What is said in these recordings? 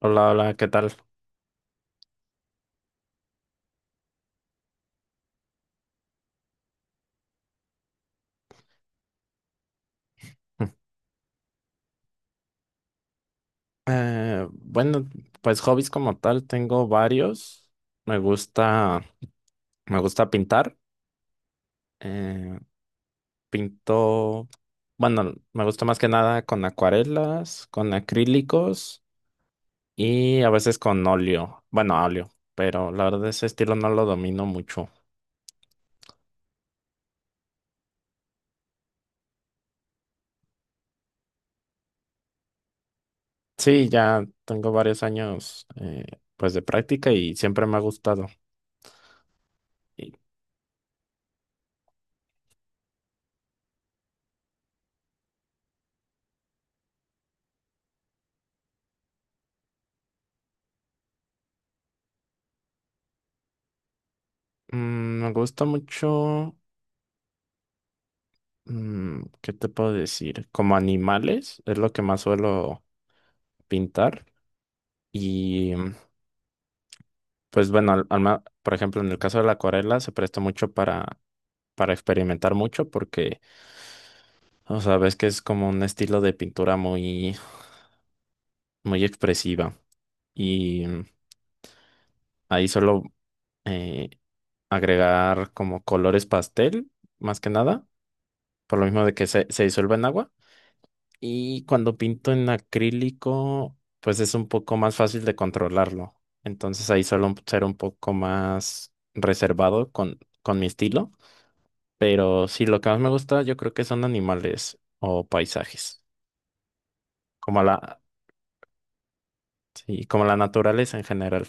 Hola, hola, ¿qué tal? Eh, bueno, pues hobbies como tal tengo varios. Me gusta, me gusta pintar. eh, pinto, bueno, me gusta más que nada con acuarelas, con acrílicos y a veces con óleo. Bueno, óleo, pero la verdad ese estilo no lo domino mucho. Sí, ya tengo varios años pues de práctica y siempre me ha gustado. Y, mm, me gusta mucho. ¿Qué te puedo decir? Como animales es lo que más suelo pintar y mm, pues bueno, por ejemplo, en el caso de la acuarela se presta mucho para experimentar mucho porque, o sea, ves que es como un estilo de pintura muy expresiva y mm, ahí suelo eh, agregar como colores pastel, más que nada, por lo mismo de que se disuelve en agua. Y cuando pinto en acrílico, pues es un poco más fácil de controlarlo. Entonces ahí suelo ser un poco más reservado con mi estilo. Pero sí, lo que más me gusta yo creo que son animales o paisajes. Como la, sí, como la naturaleza en general.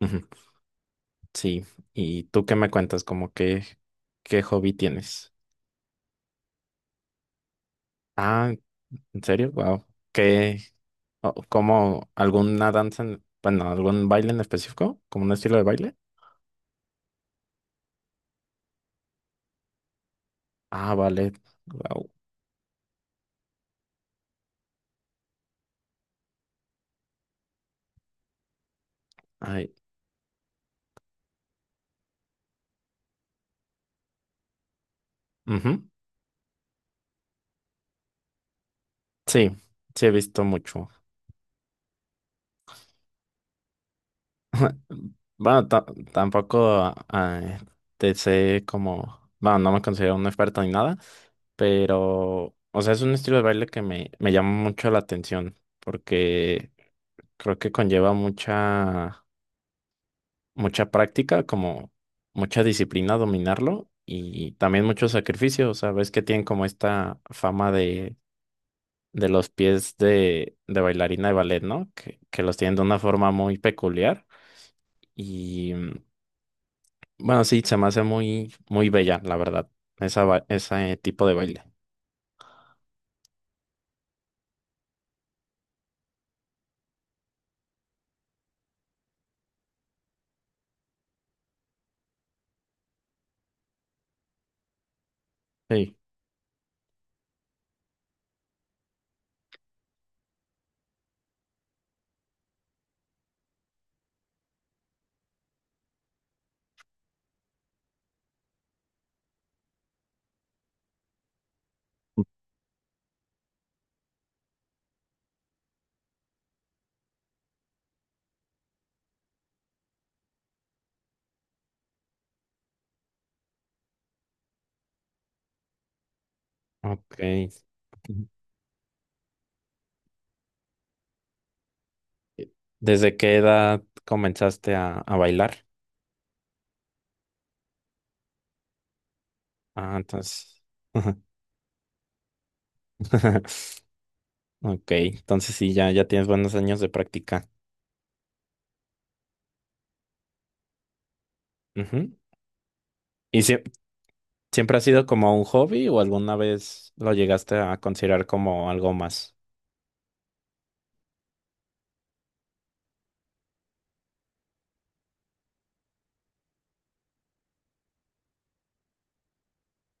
Ujú. Sí. ¿Y tú qué me cuentas? ¿Qué hobby tienes? Ah, ¿en serio? Wow. ¿Qué? ¿Cómo alguna danza bueno, algún baile en específico? ¿Como un estilo de baile? Ah, vale. Guau. Ay. Ujú. Sí, sí he visto mucho. Bueno, tampoco te sé como, bueno, no me considero un experto ni nada, pero, o sea, es un estilo de baile que me llama mucho la atención porque creo que conlleva mucha práctica, como mucha disciplina dominarlo y también mucho sacrificio, o sea, ves que tienen como esta fama de los pies de bailarina de ballet, ¿no? Que los tienen de una forma muy peculiar. Y mm, bueno, sí, se me hace muy bella, la verdad, ese tipo de baile. Sí, ok. Ujú. ¿Desde qué edad comenzaste a bailar? Ah, entonces. Ajá. Ok, entonces sí, ya tienes buenos años de práctica. Ujú. ¿Y sie- ¿siempre ha sido como un hobby o alguna vez lo llegaste a considerar como algo más?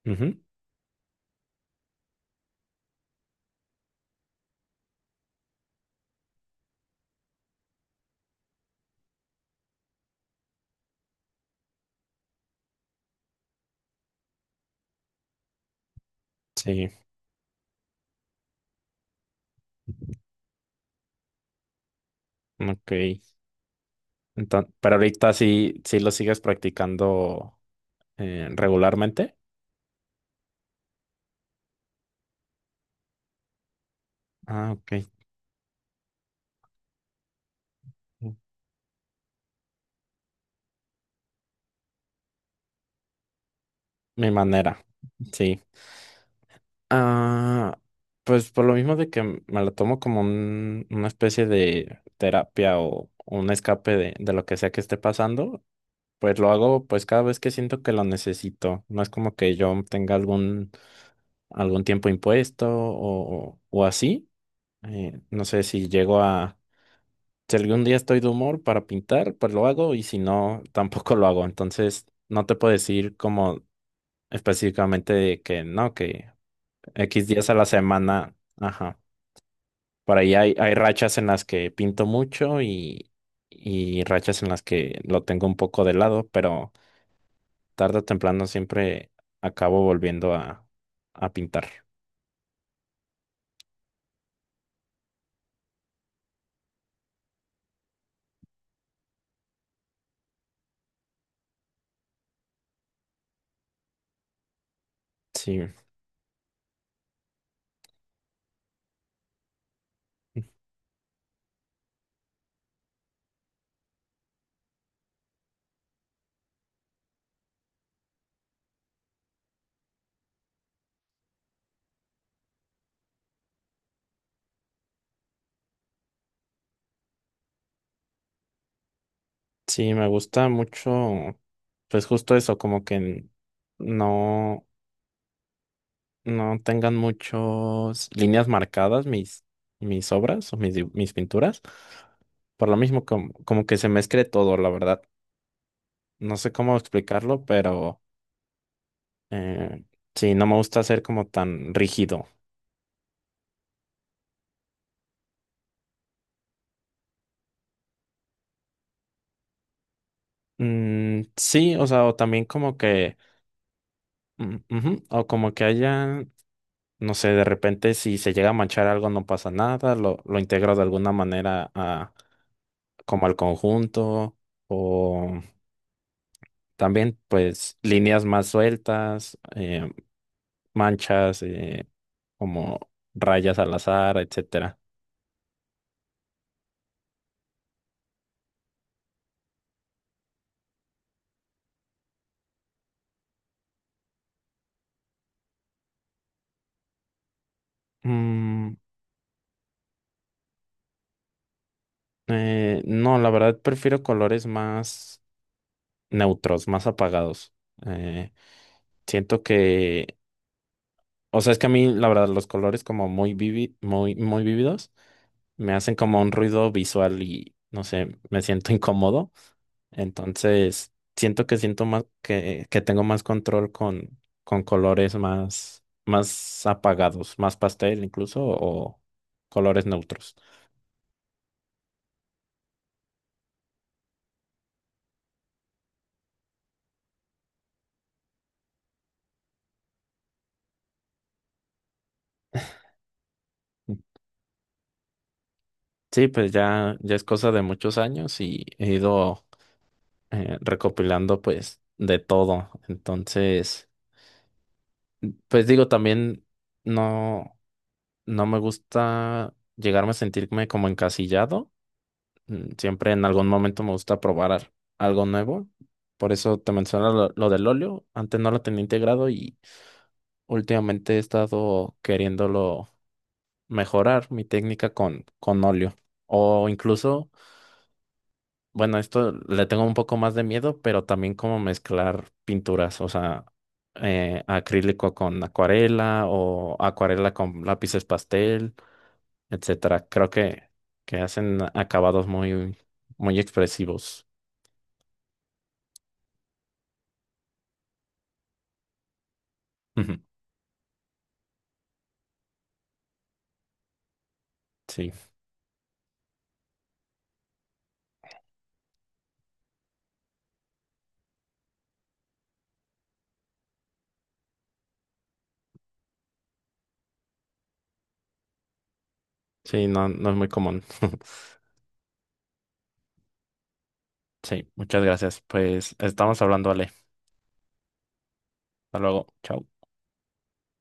Ujú. Sí. Ok. Entonces, pero ahorita sí, sí lo sigues practicando regularmente. Ah, ok. Mi manera. Sí. Ah, pues por lo mismo de que me lo tomo como una especie de terapia o un escape de lo que sea que esté pasando, pues lo hago pues cada vez que siento que lo necesito. No es como que yo tenga algún tiempo impuesto o así. No sé si llego a Si algún día estoy de humor para pintar, pues lo hago y si no, tampoco lo hago. Entonces, no te puedo decir como específicamente de que no, que X días a la semana, ajá. Por ahí hay rachas en las que pinto mucho, y rachas en las que lo tengo un poco de lado, pero tarde o temprano siempre acabo volviendo a pintar. Sí. Sí, me gusta mucho, pues justo eso, como que no, no tengan muchas líneas marcadas mis obras o mis pinturas. Por lo mismo, como que se mezcle todo, la verdad. No sé cómo explicarlo, pero eh, sí, no me gusta ser como tan rígido. Mm, sí, o sea, o también como que, mm, ujú, o como que haya, no sé, de repente si se llega a manchar algo no pasa nada, lo integro de alguna manera a, como al conjunto, o también pues líneas más sueltas, manchas, como rayas al azar, etcétera. Mm, no, la verdad prefiero colores más neutros, más apagados. Eh, Siento que O sea, es que a mí, la verdad, los colores como muy, muy vívidos me hacen como un ruido visual y no sé, me siento incómodo. Entonces, siento más que tengo más control con colores más apagados, más pastel incluso, o colores neutros. Sí, pues ya, ya es cosa de muchos años y he ido recopilando pues de todo. Entonces, pues digo, también no. no me gusta llegarme a sentirme como encasillado. Mm, siempre en algún momento me gusta probar algo nuevo. Por eso te menciono lo del óleo. Antes no lo tenía integrado y últimamente he estado queriéndolo mejorar mi técnica con óleo. O incluso, bueno, esto le tengo un poco más de miedo, pero también como mezclar pinturas, o sea, acrílico con acuarela o acuarela con lápices pastel. Etcétera. Creo que hacen acabados muy expresivos. Ujú. Sí, sí, no, no es muy común. Sí, muchas gracias. Pues estamos hablando, Ale. Hasta luego. Chao.